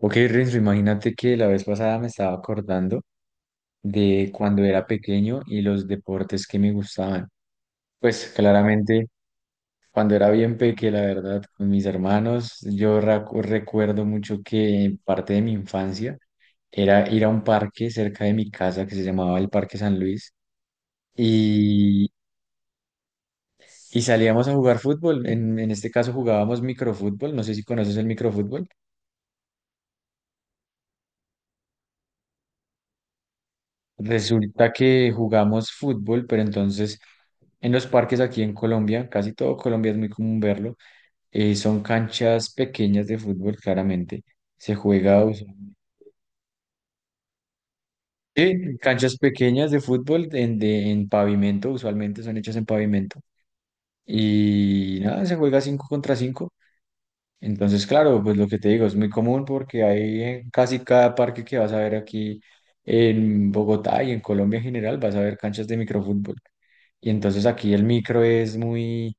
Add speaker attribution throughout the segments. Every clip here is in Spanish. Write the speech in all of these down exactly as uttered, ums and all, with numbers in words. Speaker 1: Ok, Renzo, imagínate que la vez pasada me estaba acordando de cuando era pequeño y los deportes que me gustaban. Pues claramente, cuando era bien peque, la verdad, con mis hermanos, yo racu- recuerdo mucho que parte de mi infancia era ir a un parque cerca de mi casa que se llamaba el Parque San Luis y, y salíamos a jugar fútbol. En, en este caso jugábamos microfútbol, no sé si conoces el microfútbol. Resulta que jugamos fútbol, pero entonces en los parques aquí en Colombia, casi todo Colombia es muy común verlo, eh, son canchas pequeñas de fútbol, claramente. Se juega usualmente- sí, canchas pequeñas de fútbol en, de- en pavimento, usualmente son hechas en pavimento. Y nada, se juega cinco contra cinco. Entonces, claro, pues lo que te digo es muy común porque hay en casi cada parque que vas a ver aquí en Bogotá y en Colombia en general, vas a ver canchas de microfútbol. Y entonces aquí el micro es muy,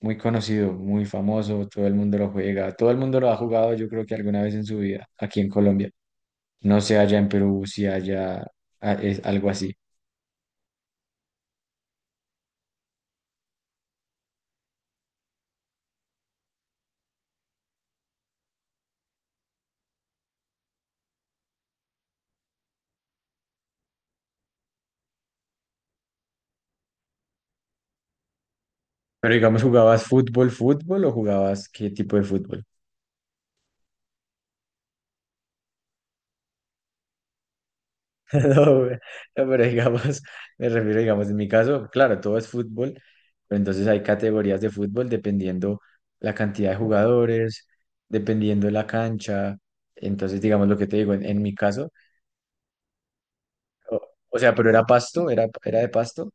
Speaker 1: muy conocido, muy famoso, todo el mundo lo juega, todo el mundo lo ha jugado yo creo que alguna vez en su vida aquí en Colombia. No sé allá en Perú si haya ah, es algo así. Pero digamos, ¿jugabas fútbol, fútbol o jugabas qué tipo de fútbol? No, güey. No, pero digamos, me refiero, digamos, en mi caso, claro, todo es fútbol, pero entonces hay categorías de fútbol dependiendo la cantidad de jugadores, dependiendo la cancha, entonces, digamos, lo que te digo, en, en mi caso, o, o sea, pero era pasto, era, era de pasto,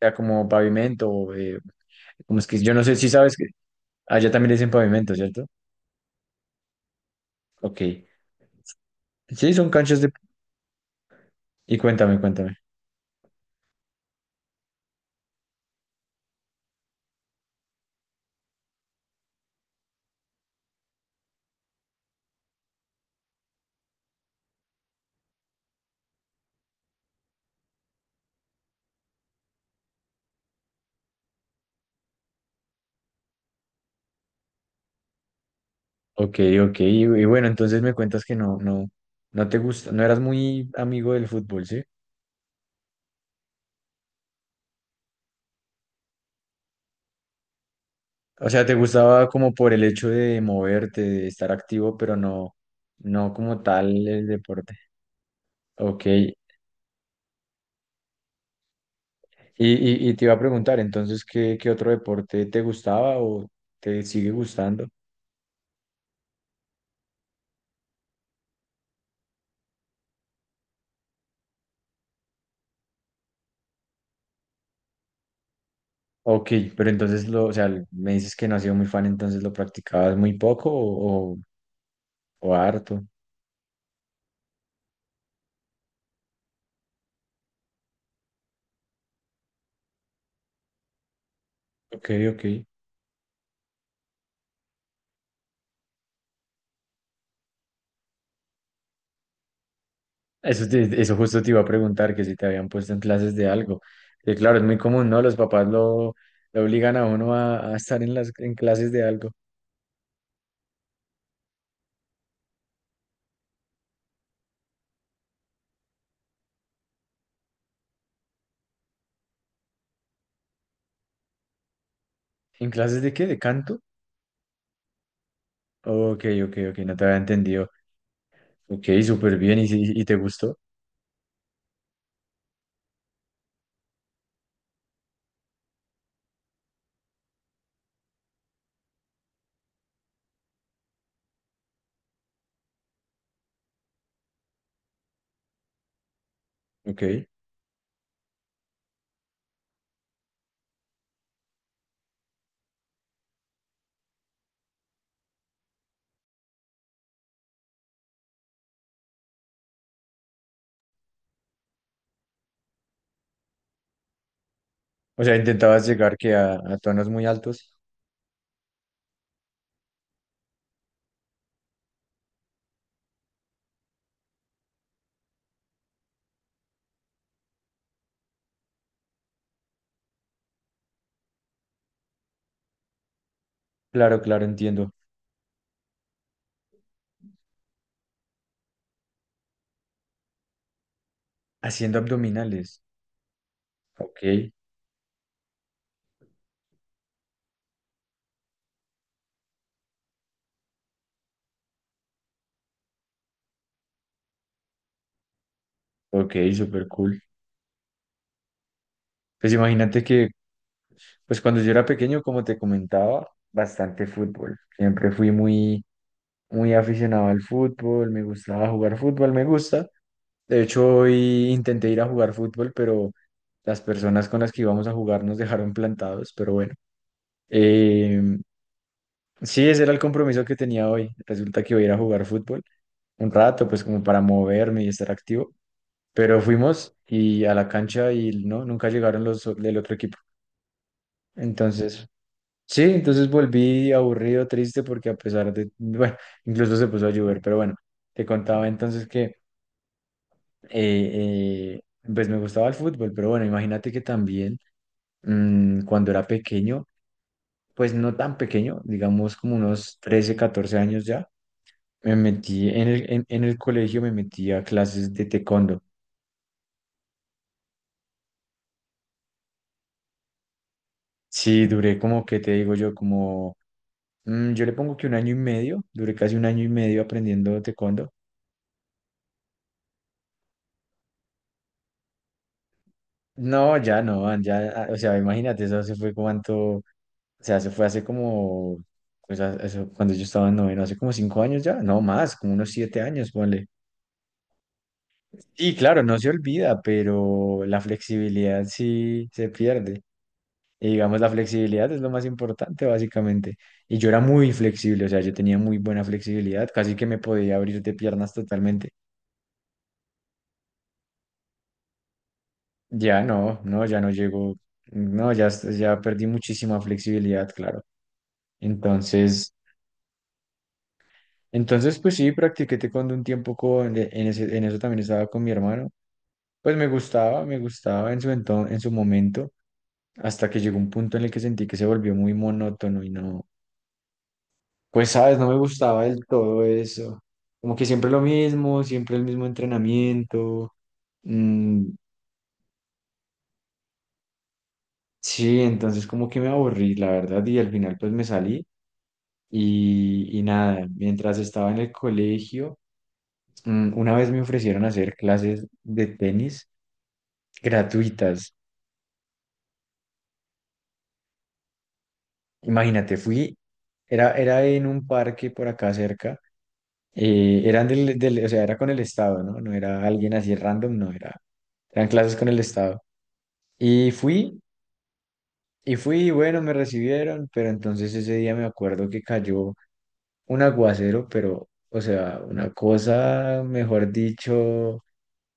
Speaker 1: era como pavimento, eh, como es que yo no sé si sabes que allá también le dicen pavimento, ¿cierto? Ok. Sí, son canchas de... Y cuéntame, cuéntame. Ok, ok. Y, y bueno, entonces me cuentas que no, no, no te gusta, no eras muy amigo del fútbol, ¿sí? O sea, te gustaba como por el hecho de moverte, de estar activo, pero no, no como tal el deporte. Ok. Y, y, y te iba a preguntar, entonces, ¿qué, qué otro deporte te gustaba o te sigue gustando? Ok, pero entonces lo, o sea, me dices que no has sido muy fan, entonces lo practicabas muy poco o, o, o harto. Ok, ok. Eso, te- eso justo te iba a preguntar, que si te habían puesto en clases de algo. Que claro, es muy común, ¿no? Los papás lo, lo obligan a uno a, a estar en las en clases de algo. ¿En clases de qué? ¿De canto? Ok, ok, ok, no te había entendido. Ok, súper bien, ¿y, si- y te gustó? Ok. O sea, intentabas llegar que a, a tonos muy altos. Claro, claro, entiendo. Haciendo abdominales. Ok, ok, súper cool. Pues imagínate que, pues cuando yo era pequeño, como te comentaba, bastante fútbol. Siempre fui muy muy aficionado al fútbol, me gustaba jugar fútbol, me gusta. De hecho, hoy intenté ir a jugar fútbol, pero las personas con las que íbamos a jugar nos dejaron plantados, pero bueno. Eh, sí, ese era el compromiso que tenía hoy. Resulta que iba a ir a jugar fútbol un rato, pues como para moverme y estar activo. Pero fuimos y a la cancha y no, nunca llegaron los o- del otro equipo. Entonces, sí, entonces volví aburrido, triste, porque a pesar de, bueno, incluso se puso a llover, pero bueno, te contaba entonces que eh, eh, pues me gustaba el fútbol, pero bueno, imagínate que también mm, cuando era pequeño, pues no tan pequeño, digamos como unos trece catorce años ya, me metí en el, en, en el colegio, me metí a clases de taekwondo. Sí, duré como, ¿que te digo yo? Como, mm, yo le pongo que un año y medio, duré casi un año y medio aprendiendo taekwondo. No, ya no, man, ya, ah, o sea, imagínate, eso se fue cuánto, o sea, se fue hace como, pues, a- eso, cuando yo estaba en noveno, hace como cinco años ya, no más, como unos siete años, ponle. Y claro, no se olvida, pero la flexibilidad sí se pierde. Y digamos, la flexibilidad es lo más importante, básicamente. Y yo era muy flexible, o sea, yo tenía muy buena flexibilidad, casi que me podía abrir de piernas totalmente. Ya no, no, ya no llego, no, ya, ya perdí muchísima flexibilidad, claro. Entonces, entonces pues sí, practiqué taekwondo un tiempo con, de- en ese, en eso también estaba con mi hermano. Pues me gustaba, me gustaba en su enton- en su momento, hasta que llegó un punto en el que sentí que se volvió muy monótono y no, pues sabes, no me gustaba del todo eso. Como que siempre lo mismo, siempre el mismo entrenamiento. Mm, sí, entonces como que me aburrí, la verdad, y al final pues me salí y, y nada, mientras estaba en el colegio. Mm. Una vez me ofrecieron hacer clases de tenis gratuitas. Imagínate, fui, era, era en un parque por acá cerca, eh, eran del, del- o sea, era con el Estado, ¿no? No era alguien así random, no, era, eran clases con el Estado. Y fui, y fui, y bueno, me recibieron, pero entonces ese día me acuerdo que cayó un aguacero, pero, o sea, una cosa, mejor dicho,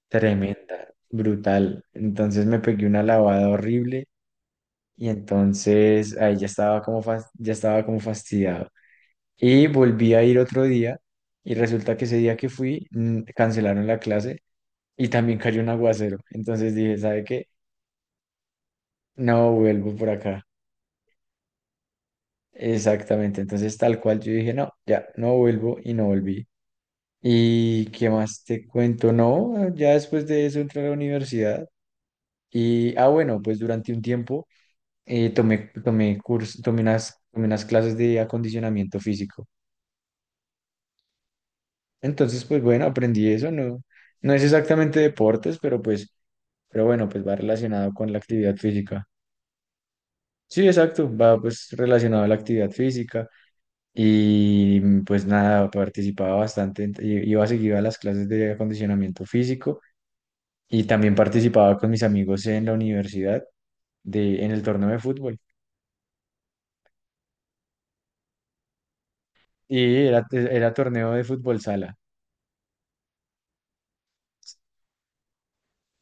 Speaker 1: tremenda, brutal. Entonces me pegué una lavada horrible. Y entonces ahí ya estaba como, fas- ya estaba como fastidiado. Y volví a ir otro día y resulta que ese día que fui mm, cancelaron la clase y también cayó un aguacero. Entonces dije, ¿sabe qué? No vuelvo por acá. Exactamente. Entonces tal cual yo dije, no, ya, no vuelvo y no volví. ¿Y qué más te cuento? No, ya después de eso entré a la universidad y, ah, bueno, pues durante un tiempo eh, tomé, tomé, curso, tomé unas, tomé unas clases de acondicionamiento físico. Entonces, pues bueno, aprendí eso, no, no es exactamente deportes, pero pues, pero bueno, pues va relacionado con la actividad física. Sí, exacto, va pues relacionado a la actividad física y pues nada, participaba bastante, en- i- iba seguido a las clases de acondicionamiento físico y también participaba con mis amigos en la universidad de, en el torneo de fútbol y era, era torneo de fútbol sala.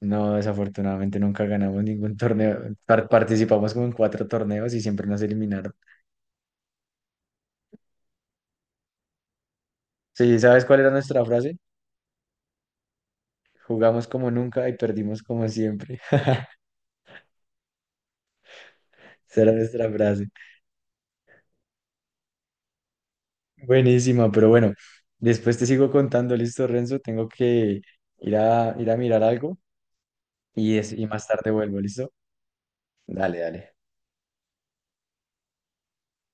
Speaker 1: No, desafortunadamente nunca ganamos ningún torneo. Par- participamos como en cuatro torneos y siempre nos eliminaron. Sí, ¿sabes cuál era nuestra frase? Jugamos como nunca y perdimos como siempre. Esa era nuestra frase. Buenísima, pero bueno, después te sigo contando, ¿listo, Renzo? Tengo que ir a, ir a mirar algo y, es, y más tarde vuelvo, ¿listo? Dale, dale.